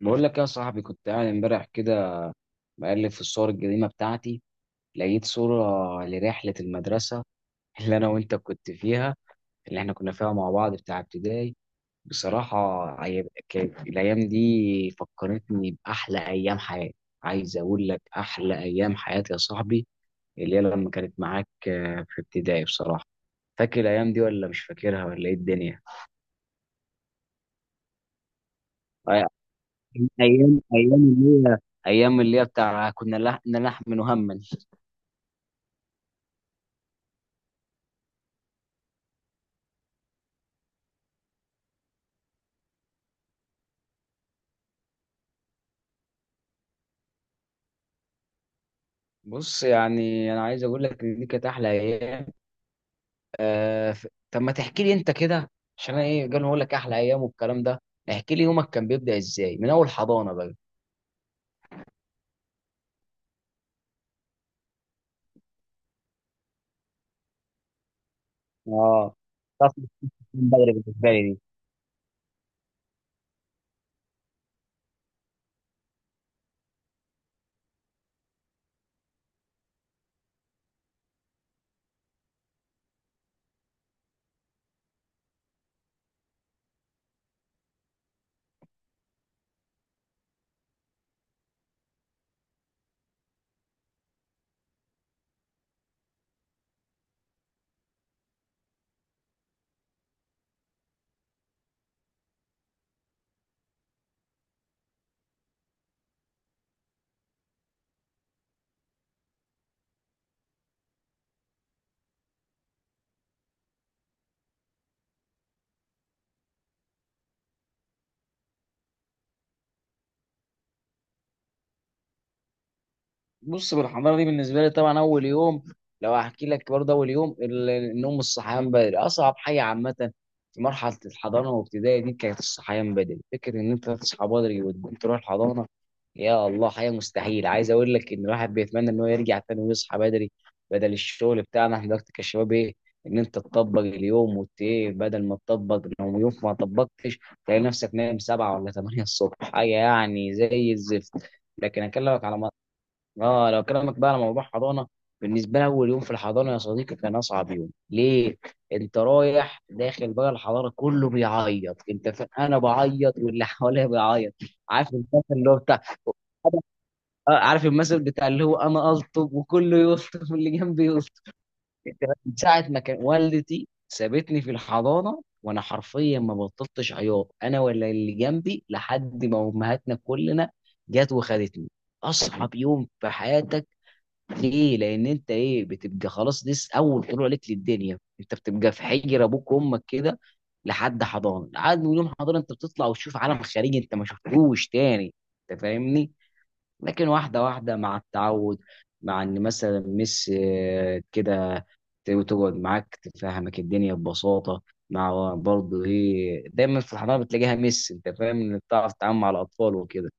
بقول لك يا صاحبي، كنت قاعد امبارح كده، بقلب في الصور القديمة بتاعتي. لقيت صورة لرحلة المدرسة اللي أنا وأنت كنت فيها، اللي إحنا كنا فيها مع بعض بتاع ابتدائي. بصراحة، كانت الأيام دي فكرتني بأحلى أيام حياتي. عايز أقول لك أحلى أيام حياتي يا صاحبي، اللي هي لما كانت معاك في ابتدائي بصراحة. فاكر الأيام دي ولا مش فاكرها ولا إيه الدنيا؟ آه، أيام اللي هي، أيام اللي هي بتاع كنا نلحن هما. بص، يعني انا عايز اقول لك ان دي كانت احلى ايام. طب ما تحكي لي انت كده، عشان انا ايه قال اقول لك احلى ايام والكلام ده. احكي لي يومك كان بيبدا ازاي من اول حضانه بقى. اه، طفل من بدري بالنسبه لي. بص، بالحضانه دي بالنسبه لي طبعا اول يوم. لو هحكي لك برضه اول يوم، النوم، الصحيان بدري اصعب حاجه عامه. في مرحله الحضانه وابتدائي دي كانت الصحيان بدري، فكره ان انت تصحى بدري وتقوم تروح الحضانه يا الله حاجه مستحيل. عايز اقول لك ان الواحد بيتمنى ان هو يرجع تاني ويصحى بدري، بدل الشغل بتاعنا احنا دلوقتي كشباب ايه، ان انت تطبق اليوم وت إيه، بدل ما تطبق لو يوم ما طبقتش تلاقي نفسك نايم 7 ولا 8 الصبح، حاجه يعني زي الزفت. لكن اكلمك على، اه، لو كلامك بقى على موضوع حضانه بالنسبه لي، اول يوم في الحضانه يا صديقي كان اصعب يوم ليه. انت رايح داخل بقى الحضانه كله بيعيط، انت انا بعيط واللي حواليا بيعيط. عارف المثل اللي هو بتاع، أنا- آه، عارف المثل بتاع اللي هو انا الطب وكله يلطف واللي جنبي يلطف. أنت، من ساعه ما كان والدتي سابتني في الحضانه وانا حرفيا ما بطلتش عياط، انا ولا اللي جنبي لحد ما امهاتنا كلنا جت وخدتني. اصعب يوم في حياتك ليه؟ لأن أنت إيه بتبقى خلاص، دي أول طلوع لك للدنيا، أنت بتبقى في حجر أبوك وأمك كده لحد حضانة، لحد من يوم حضانة أنت بتطلع وتشوف عالم خارجي أنت ما شفتوش تاني. أنت فاهمني؟ لكن واحدة واحدة مع التعود، مع إن مثلا مس كده تقعد معاك تفهمك الدنيا ببساطة. مع برضه إيه دايما في الحضانة بتلاقيها مس، أنت فاهم إن بتعرف تتعامل مع الأطفال وكده.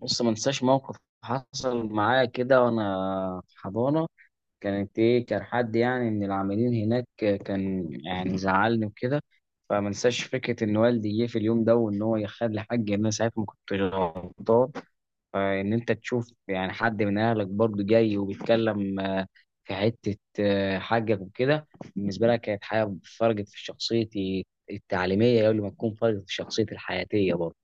بص، ما انساش موقف حصل معايا كده وانا في حضانه، كانت ايه، كان حد يعني من العاملين هناك كان يعني زعلني وكده. فما انساش فكره ان والدي جه في اليوم ده وان هو يخلي حقي، ان انا ساعتها ما كنتش غلطان. فان انت تشوف يعني حد من اهلك برضه جاي وبيتكلم في حته حقك وكده، بالنسبه لك كانت حاجه فرقت في شخصيتي التعليميه قبل ما تكون فرقت في شخصيتي الحياتيه برضه.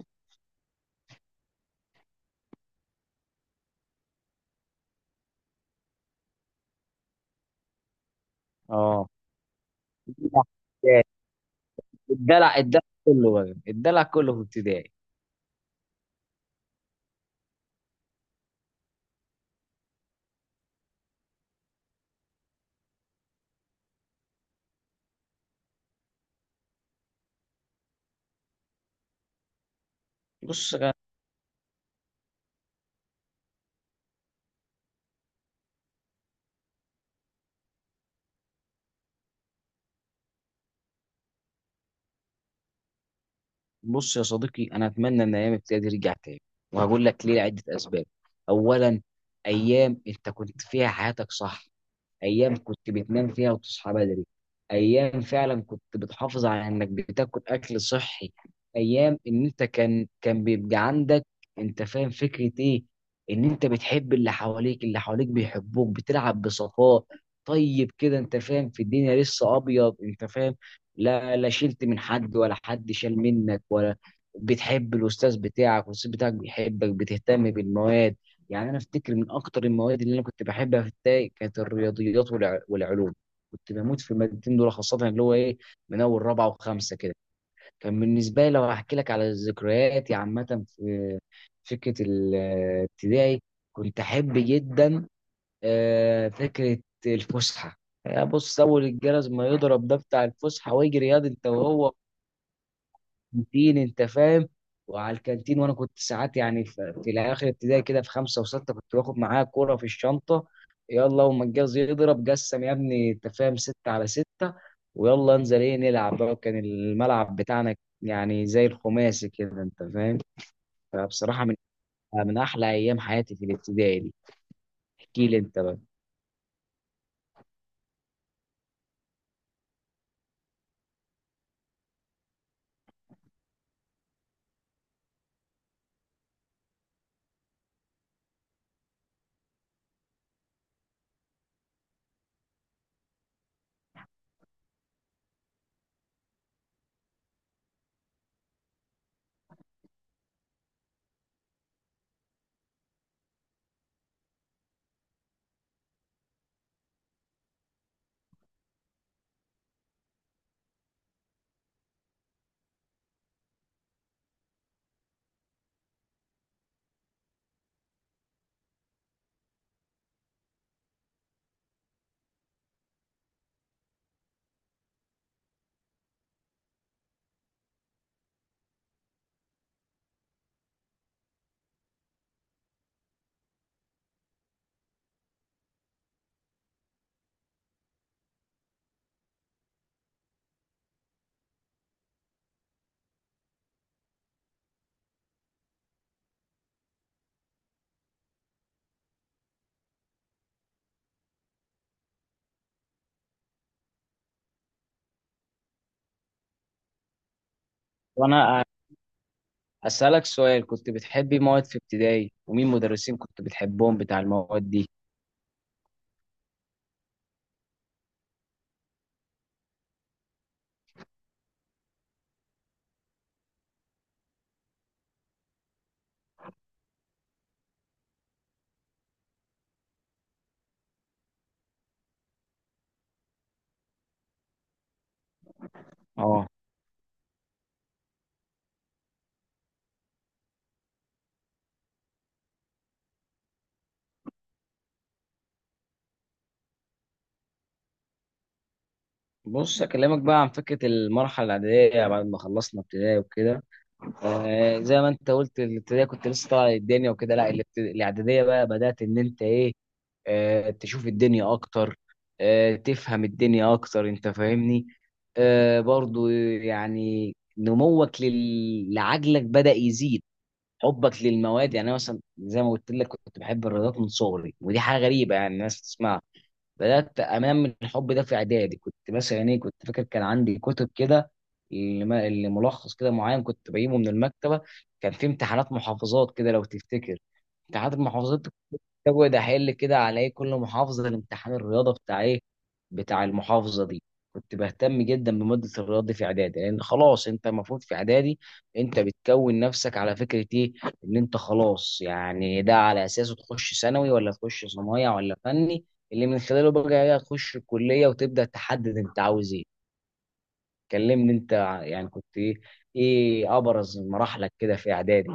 اه، الدلع الدلع، كله بقى الدلع كله في ابتدائي. بص بص يا صديقي، انا اتمنى ان ايام ابتدائي دي رجعت تاني. وهقول لك ليه لعده اسباب. اولا، ايام انت كنت فيها حياتك صح، ايام كنت بتنام فيها وتصحى بدري، ايام فعلا كنت بتحافظ على انك بتاكل اكل صحي. ايام ان انت كان بيبقى عندك، انت فاهم فكرة ايه، ان انت بتحب اللي حواليك اللي حواليك بيحبوك، بتلعب بصفاء. طيب كده انت فاهم في الدنيا لسه ابيض، انت فاهم، لا لا شلت من حد ولا حد شال منك ولا. بتحب الاستاذ بتاعك والاستاذ بتاعك بيحبك، بتهتم بالمواد. يعني انا افتكر من اكتر المواد اللي انا كنت بحبها في التاي كانت الرياضيات والعلوم. كنت بموت في المادتين دول، خاصه اللي هو ايه من اول رابعه وخمسه كده. كان بالنسبه لي لو هحكي لك على ذكرياتي عامه في فكره الابتدائي، كنت احب جدا فكره الفسحه. بص، اول الجرس ما يضرب ده بتاع الفسحه ويجري ياض انت وهو الكانتين انت فاهم. وعلى الكانتين، وانا كنت ساعات يعني في الاخر ابتدائي كده في خمسه وسته كنت باخد معايا كوره في الشنطه. يلا وما الجاز يضرب قسم يا ابني انت فاهم سته على سته، ويلا انزل ايه نلعب بقى، كان الملعب بتاعنا يعني زي الخماسي كده انت فاهم. فبصراحه من احلى ايام حياتي في الابتدائي دي. احكي لي انت بقى، وانا اسالك سؤال، كنت بتحبي مواد في ابتدائي، ومين مدرسين كنت بتحبهم بتاع المواد دي. اه، بص اكلمك بقى عن فكره المرحله الاعداديه بعد ما خلصنا ابتدائي وكده. زي ما انت قلت الابتدائي كنت لسه طالع الدنيا وكده، لا، الاعداديه بقى بدات ان انت ايه، تشوف الدنيا اكتر، تفهم الدنيا اكتر، انت فاهمني. برضو يعني نموك لعجلك بدا يزيد، حبك للمواد. يعني انا مثلا زي ما قلت لك كنت بحب الرياضات من صغري، ودي حاجه غريبه يعني الناس تسمعها. بدات انمي الحب ده في اعدادي. كنت مثلا ايه كنت فاكر كان عندي كتب كده، اللي ما- اللي ملخص كده معين كنت بجيبه من المكتبه. كان في امتحانات محافظات كده لو تفتكر، امتحانات المحافظات كابوي احل كده على ايه كل محافظه الامتحان الرياضه بتاع ايه بتاع المحافظه دي. كنت بهتم جدا بماده الرياضه دي في اعدادي، لان خلاص انت المفروض في اعدادي انت بتكون نفسك على فكره ايه، ان انت خلاص يعني ده على اساسه تخش ثانوي ولا تخش صنايع ولا فني اللي من خلاله بقى ايه تخش الكليه وتبدا تحدد انت عاوز ايه. كلمني انت يعني كنت ايه، ايه ابرز مراحلك كده في اعدادي.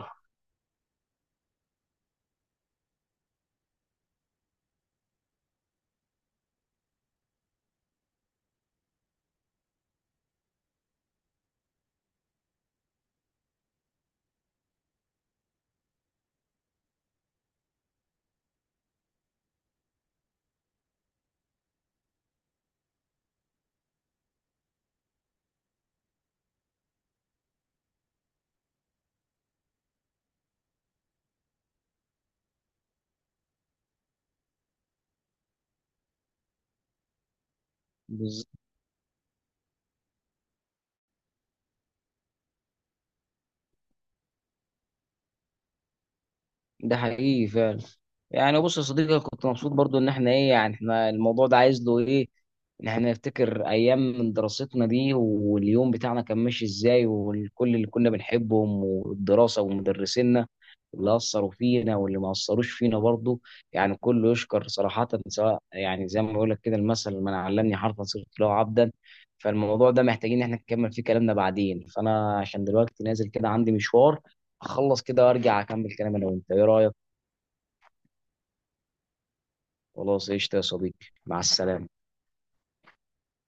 بز- ده حقيقي فعلا. يعني بص يا صديقي، أنا كنت مبسوط برضو ان احنا ايه يعني احنا الموضوع ده عايز له ايه، ان احنا نفتكر ايام من دراستنا دي واليوم بتاعنا كان ماشي ازاي، والكل اللي كنا بنحبهم، والدراسة ومدرسينا اللي اثروا فينا واللي ما اثروش فينا برضو. يعني كله يشكر صراحة، سواء يعني زي ما بقول لك كده، المثل من علمني حرفا صرت له عبدا. فالموضوع ده محتاجين ان احنا نكمل فيه كلامنا بعدين، فانا عشان دلوقتي نازل كده عندي مشوار، اخلص كده وارجع اكمل كلام انا وانت، ايه رأيك؟ خلاص قشطة يا صديقي، مع السلامة.